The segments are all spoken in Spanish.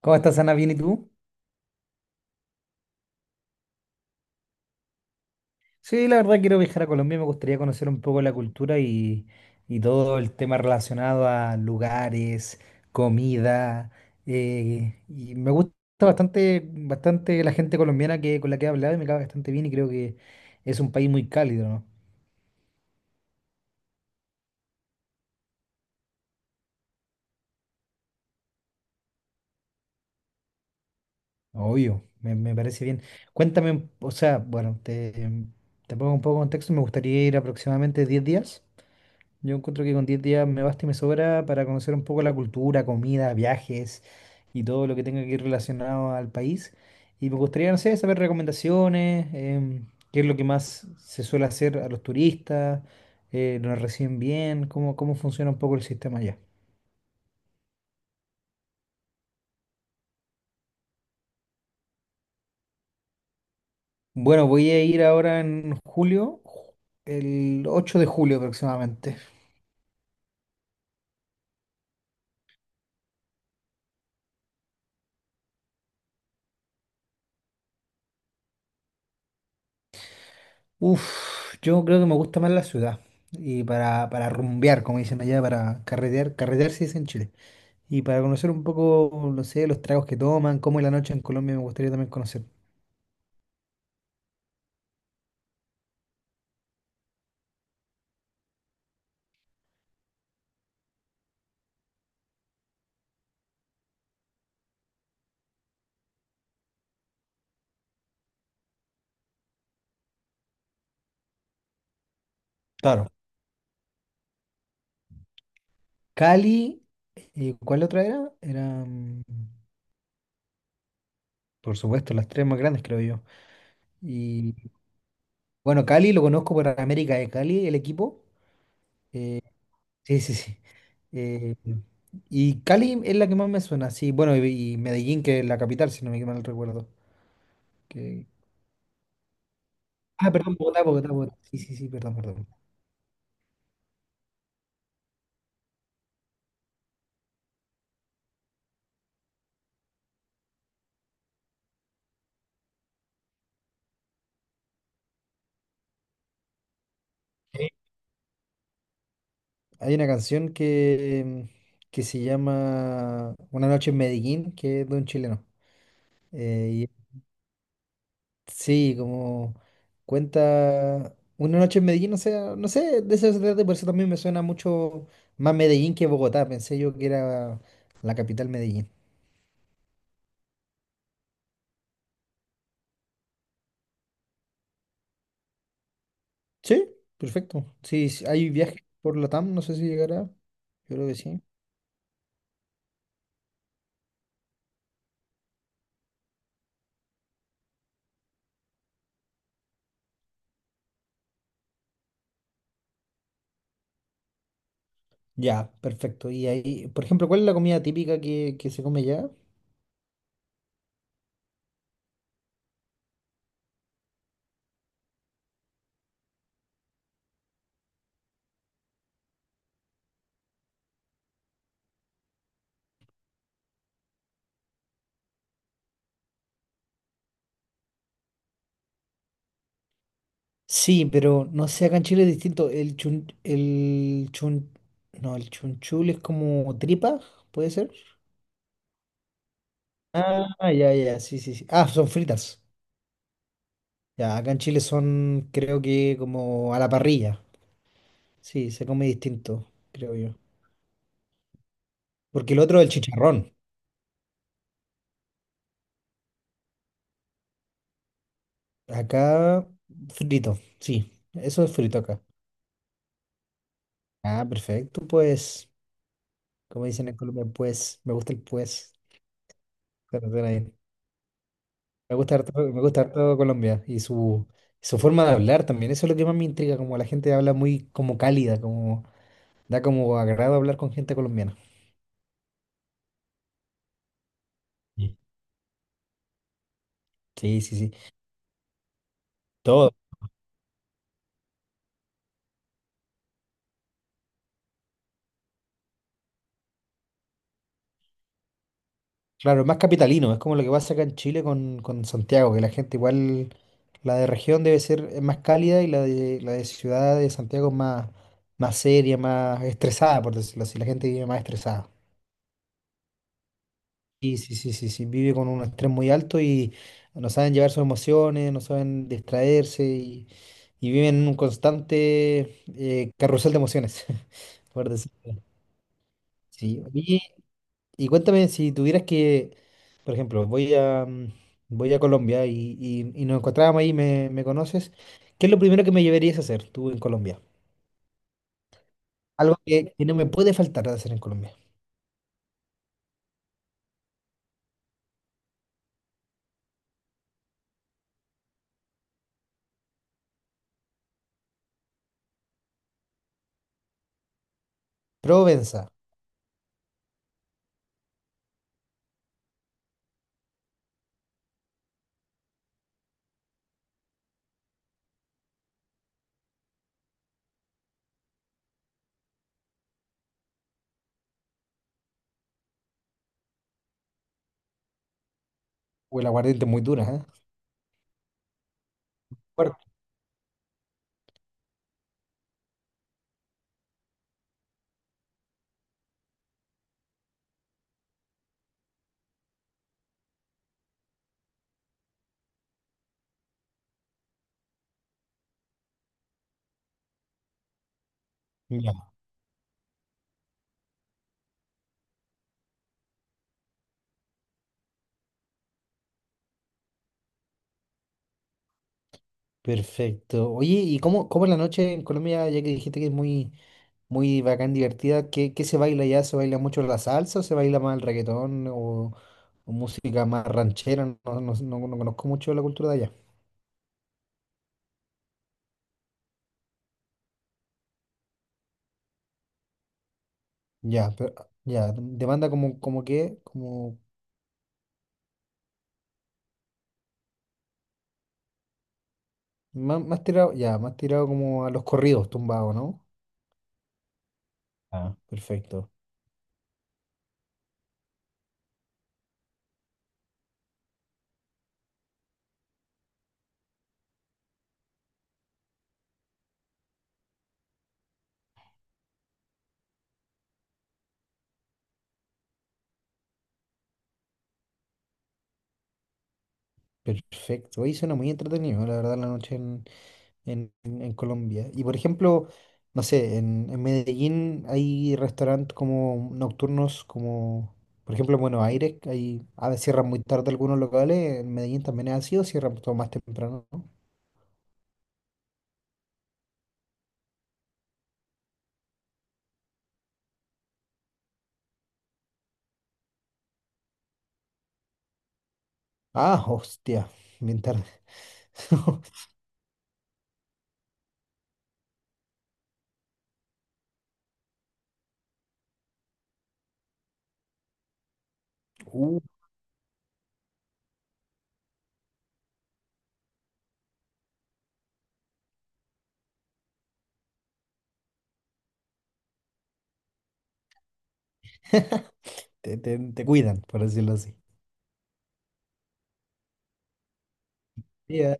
¿Cómo estás, Ana? ¿Bien y tú? Sí, la verdad quiero viajar a Colombia, me gustaría conocer un poco la cultura y todo el tema relacionado a lugares, comida. Y me gusta bastante, bastante la gente colombiana con la que he hablado y me cae bastante bien y creo que es un país muy cálido, ¿no? Obvio, me parece bien. Cuéntame, o sea, bueno, te pongo un poco de contexto, me gustaría ir aproximadamente 10 días. Yo encuentro que con 10 días me basta y me sobra para conocer un poco la cultura, comida, viajes y todo lo que tenga que ir relacionado al país. Y me gustaría, no sé, saber recomendaciones, qué es lo que más se suele hacer a los turistas, nos reciben bien, cómo, cómo funciona un poco el sistema allá. Bueno, voy a ir ahora en julio, el 8 de julio aproximadamente. Uf, yo creo que me gusta más la ciudad. Y para rumbear, como dicen allá, para carretear, carretear se dice en Chile. Y para conocer un poco, no sé, los tragos que toman, cómo es la noche en Colombia, me gustaría también conocer. Claro. Cali, ¿cuál otra era? Por supuesto, las tres más grandes, creo yo. Y bueno, Cali lo conozco por América de Cali, el equipo. Eh, sí, sí, sí. Eh, y Cali es la que más me suena, sí. Bueno, y Medellín, que es la capital, si no me mal recuerdo. Que... Ah, perdón, Bogotá, Bogotá, Bogotá. Sí, sí, sí, perdón, perdón. Hay una canción que se llama Una noche en Medellín, que es de un chileno. Y sí, como cuenta Una noche en Medellín, o sea, no sé, de eso se trata, por eso también me suena mucho más Medellín que Bogotá. Pensé yo que era la capital Medellín. Sí, perfecto. Sí, sí, hay viajes por Latam, no sé si llegará. Yo creo que sí. Ya, perfecto. Y ahí, por ejemplo, ¿cuál es la comida típica que se come allá? Sí, pero no sé, acá en Chile es distinto. No, el chunchul es como tripa, ¿puede ser? Ah, ya, ya, sí, sí, sí. Ah, son fritas. Ya, acá en Chile son, creo que como a la parrilla. Sí, se come distinto, creo yo. Porque el otro es el chicharrón. Acá, frito, sí. Eso es frito acá. Ah, perfecto, pues. Como dicen en Colombia, pues. Me gusta el pues. Se suena bien. Me gusta harto Colombia y su forma de hablar también. Eso es lo que más me intriga, como la gente habla muy como cálida, como da como agrado hablar con gente colombiana. Sí, sí, sí. Sí. Todo. Claro, es más capitalino, es como lo que pasa acá en Chile con Santiago, que la gente igual, la de región debe ser más cálida y la de ciudad de Santiago es más seria, más estresada, por decirlo así. La gente vive más estresada. Sí, sí, sí, sí, sí, vive con un estrés muy alto y no saben llevar sus emociones, no saben distraerse y viven en un constante carrusel de emociones, por decirlo. Sí. Oye, y cuéntame si tuvieras por ejemplo, voy a Colombia y nos encontrábamos ahí, me conoces, ¿qué es lo primero que me llevarías a hacer tú en Colombia? Algo que no me puede faltar de hacer en Colombia. Provenza, o el aguardiente muy dura, ¿eh? Fuerte. Perfecto. Oye, ¿y cómo es la noche en Colombia, ya que dijiste que es muy, muy bacán, divertida? ¿qué, se baila allá? ¿Se baila mucho la salsa o se baila más el reggaetón o música más ranchera? No, no, no, no no conozco mucho la cultura de allá. Ya, pero, ya, demanda como, como que, como más, tirado, ya, más tirado como a los corridos tumbados, ¿no? Ah. Perfecto, perfecto. Ahí suena muy entretenido, la verdad, la noche en Colombia. Y por ejemplo, no sé, en Medellín hay restaurantes como nocturnos, como por ejemplo en Buenos Aires, que hay, a veces cierran muy tarde algunos locales, en Medellín también es así, o cierran todo más temprano, ¿no? Ah, hostia, bien tarde. Uh, te cuidan, por decirlo así. Ya,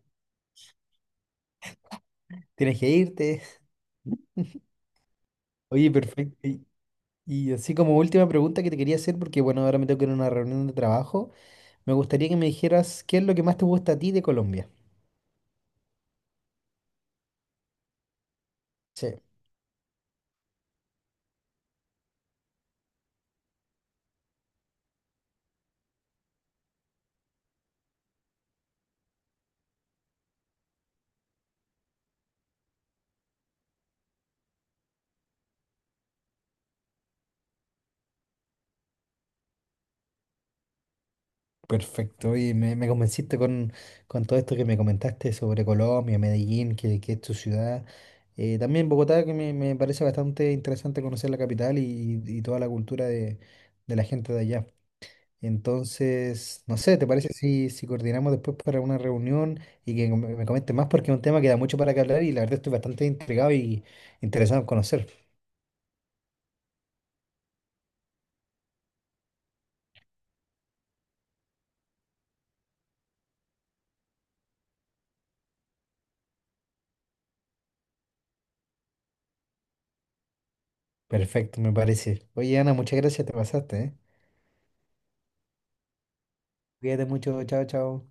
tienes que irte. Oye, perfecto. Y así como última pregunta que te quería hacer, porque bueno, ahora me tengo que ir a una reunión de trabajo, me gustaría que me dijeras qué es lo que más te gusta a ti de Colombia. Sí. Perfecto, y me convenciste con todo esto que me comentaste sobre Colombia, Medellín, que es tu ciudad. También Bogotá, que me parece bastante interesante conocer la capital y toda la cultura de la gente de allá. Entonces, no sé, ¿te parece si, si coordinamos después para una reunión y que me comentes más? Porque es un tema que da mucho para que hablar y la verdad estoy bastante intrigado y interesado en conocer. Perfecto, me parece. Oye, Ana, muchas gracias, te pasaste, ¿eh? Cuídate mucho, chao, chao.